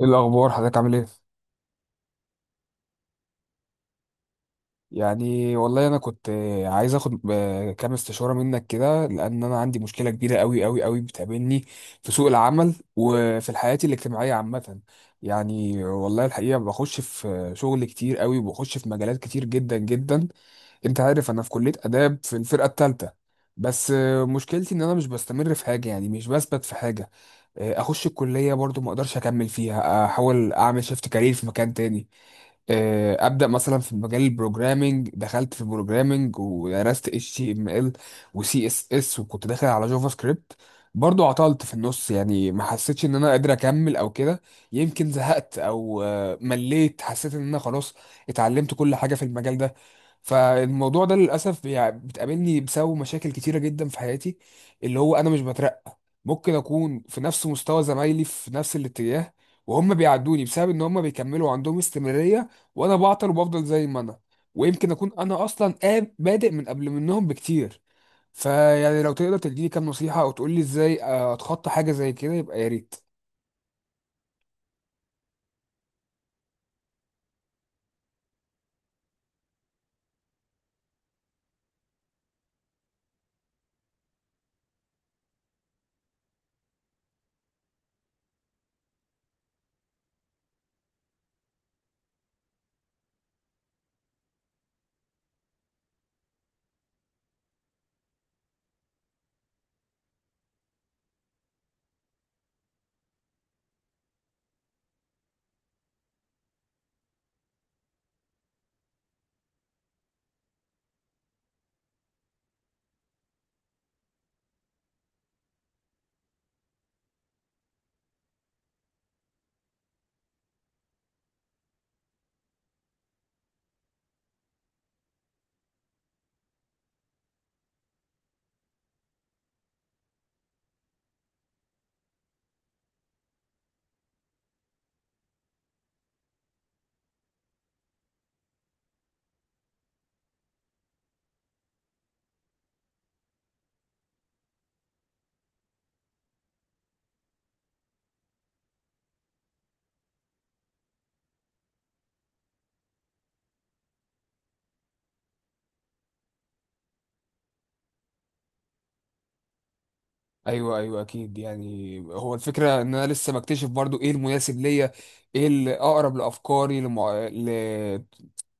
ايه الاخبار؟ حضرتك عامل ايه؟ يعني والله انا كنت عايز اخد كام استشاره منك كده، لان انا عندي مشكله كبيره قوي قوي قوي بتقابلني في سوق العمل وفي الحياه الاجتماعيه عامه. يعني والله الحقيقه بخش في شغل كتير قوي وبخش في مجالات كتير جدا جدا. انت عارف انا في كليه اداب في الفرقه الثالثه. بس مشكلتي ان انا مش بستمر في حاجه، يعني مش بثبت في حاجه. اخش الكليه برضو ما اقدرش اكمل فيها، احاول اعمل شيفت كارير في مكان تاني. ابدا مثلا في مجال البروجرامينج، دخلت في البروجرامينج ودرست HTML وسي اس اس، وكنت داخل على جافا سكريبت. برضو عطلت في النص، يعني ما حسيتش ان انا قادر اكمل او كده. يمكن زهقت او مليت، حسيت ان انا خلاص اتعلمت كل حاجه في المجال ده. فالموضوع ده للاسف يعني بتقابلني بسبب مشاكل كتيره جدا في حياتي، اللي هو انا مش بترقى. ممكن اكون في نفس مستوى زمايلي في نفس الاتجاه، وهم بيعدوني بسبب ان هم بيكملوا عندهم استمرارية، وانا بعطل وبفضل زي ما انا. ويمكن اكون انا اصلا بادئ من قبل منهم بكتير. فيعني لو تقدر تديني كام نصيحة او تقول لي ازاي اتخطى حاجة زي كده، يبقى يا ريت. ايوه، ايوه، اكيد، يعني هو الفكرة ان انا لسه بكتشف برضو ايه المناسب ليا. ايه الاقرب لافكاري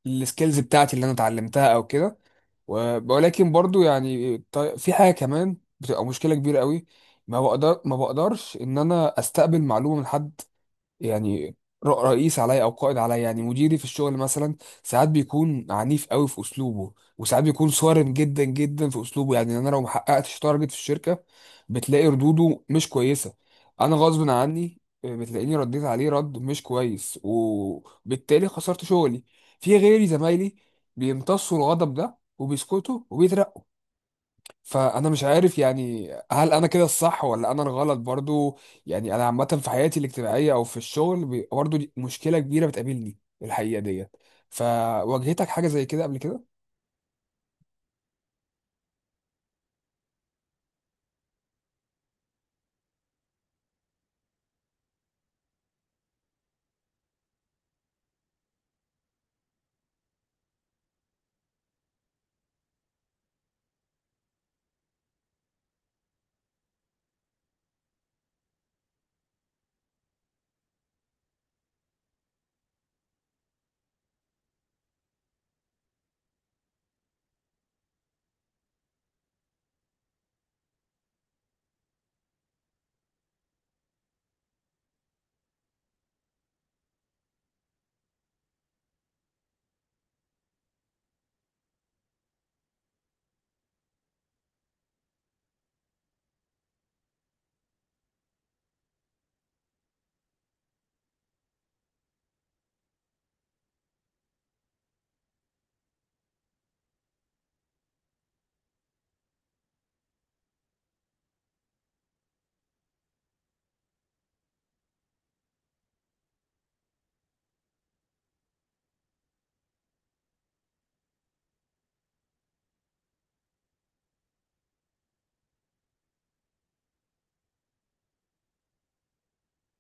السكيلز بتاعتي اللي انا اتعلمتها او كده. ولكن برضو يعني في حاجه كمان بتبقى مشكله كبيره قوي. ما بقدرش ان انا استقبل معلومه من حد. يعني رئيس عليا او قائد عليا، يعني مديري في الشغل مثلا ساعات بيكون عنيف قوي في اسلوبه، وساعات بيكون صارم جدا جدا في اسلوبه. يعني انا لو ما حققتش تارجت في الشركه بتلاقي ردوده مش كويسه. انا غصب عني بتلاقيني رديت عليه رد مش كويس وبالتالي خسرت شغلي. في غيري زمايلي بيمتصوا الغضب ده وبيسكتوا وبيترقوا. فانا مش عارف، يعني هل انا كده الصح ولا انا الغلط برضو؟ يعني انا عامه في حياتي الاجتماعيه او في الشغل برضو دي مشكله كبيره بتقابلني الحقيقه ديت. فواجهتك حاجه زي كده قبل كده؟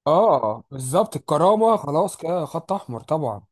اه، بالظبط، الكرامه خلاص كده خط احمر طبعا.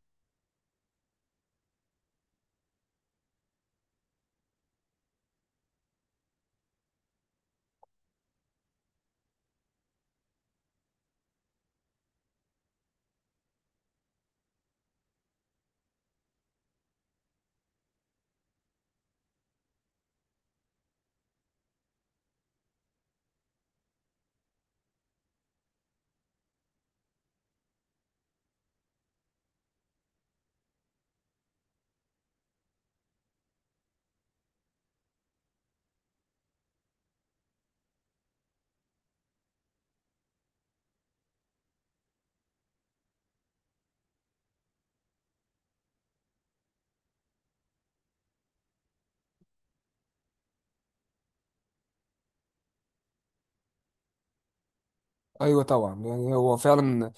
ايوه، طبعا، يعني هو فعلا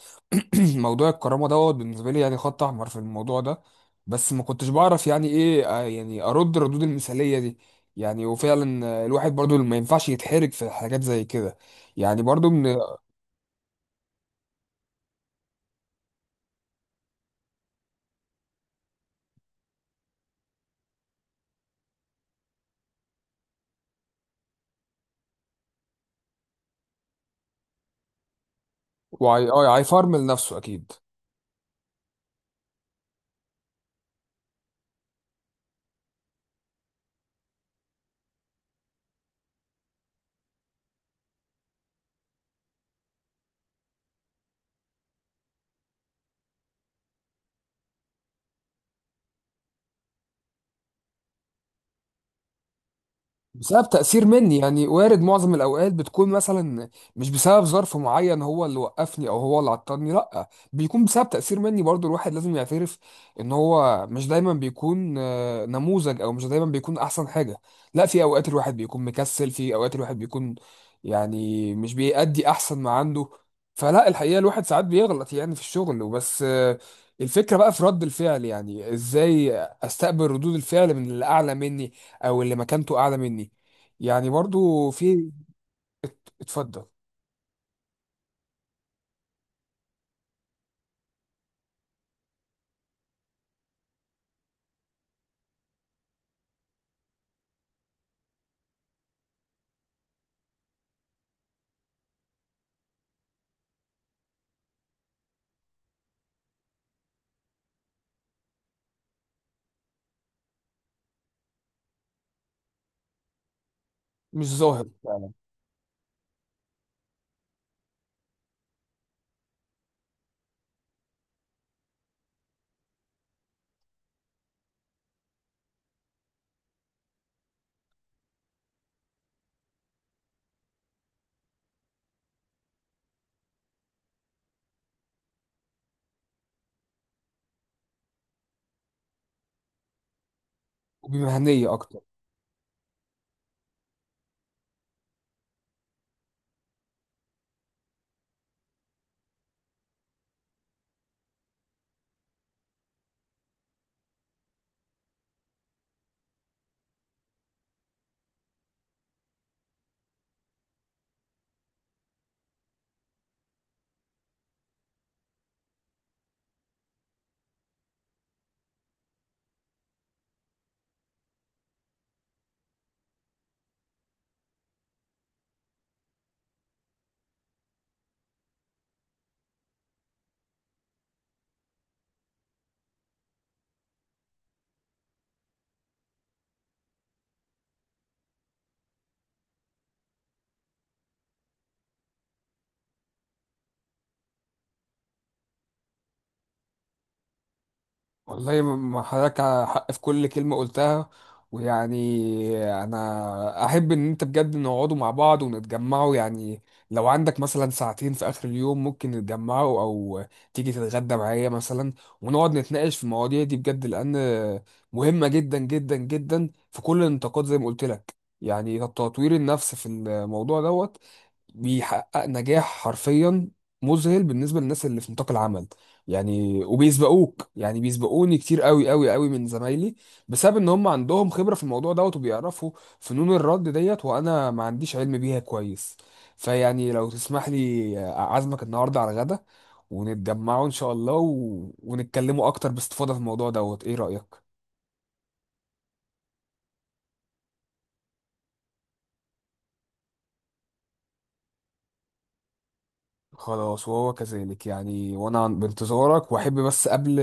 موضوع الكرامه دوت بالنسبه لي يعني خط احمر في الموضوع ده. بس ما كنتش بعرف يعني ايه يعني ارد الردود المثاليه دي. يعني وفعلا الواحد برضو ما ينفعش يتحرج في حاجات زي كده. يعني برضو من اه، هيفرمل نفسه اكيد. بسبب تأثير مني، يعني وارد معظم الأوقات بتكون مثلا مش بسبب ظرف معين هو اللي وقفني أو هو اللي عطلني، لأ بيكون بسبب تأثير مني برضو. الواحد لازم يعترف إن هو مش دايما بيكون نموذج، أو مش دايما بيكون أحسن حاجة. لأ، في أوقات الواحد بيكون مكسل، في أوقات الواحد بيكون يعني مش بيأدي أحسن ما عنده. فلا، الحقيقة الواحد ساعات بيغلط يعني في الشغل وبس. الفكرة بقى في رد الفعل، يعني إزاي أستقبل ردود الفعل من اللي أعلى مني او اللي مكانته اعلى مني؟ يعني برضو في، اتفضل. مش ظاهر فعلا. وبمهنية أكتر. والله، ما حضرتك حق في كل كلمة قلتها، ويعني أنا أحب إن أنت بجد نقعدوا مع بعض ونتجمعوا، يعني لو عندك مثلا ساعتين في آخر اليوم ممكن نتجمعوا، أو تيجي تتغدى معايا مثلا ونقعد نتناقش في المواضيع دي بجد، لأن مهمة جدا جدا جدا في كل النطاقات. زي ما قلت لك، يعني تطوير النفس في الموضوع دوت بيحقق نجاح حرفيا مذهل بالنسبه للناس اللي في نطاق العمل. يعني وبيسبقوك، يعني بيسبقوني كتير قوي قوي قوي من زمايلي، بسبب ان هم عندهم خبره في الموضوع دوت وبيعرفوا فنون الرد ديت، وانا ما عنديش علم بيها كويس. فيعني لو تسمح لي اعزمك النهارده على الغدا، ونتجمعوا ان شاء الله ونتكلموا اكتر باستفاضه في الموضوع دوت، ايه رايك؟ خلاص، وهو كذلك، يعني وانا بانتظارك. واحب بس قبل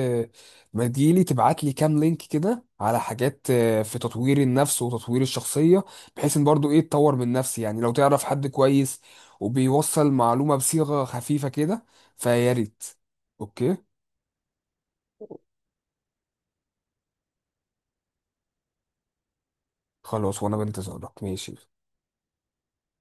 ما تجيلي تبعت لي كام لينك كده على حاجات في تطوير النفس وتطوير الشخصية، بحيث ان برضو ايه اتطور من نفسي، يعني لو تعرف حد كويس وبيوصل معلومة بصيغة خفيفة كده فيا ريت. اوكي. خلاص، وانا بانتظارك، ماشي.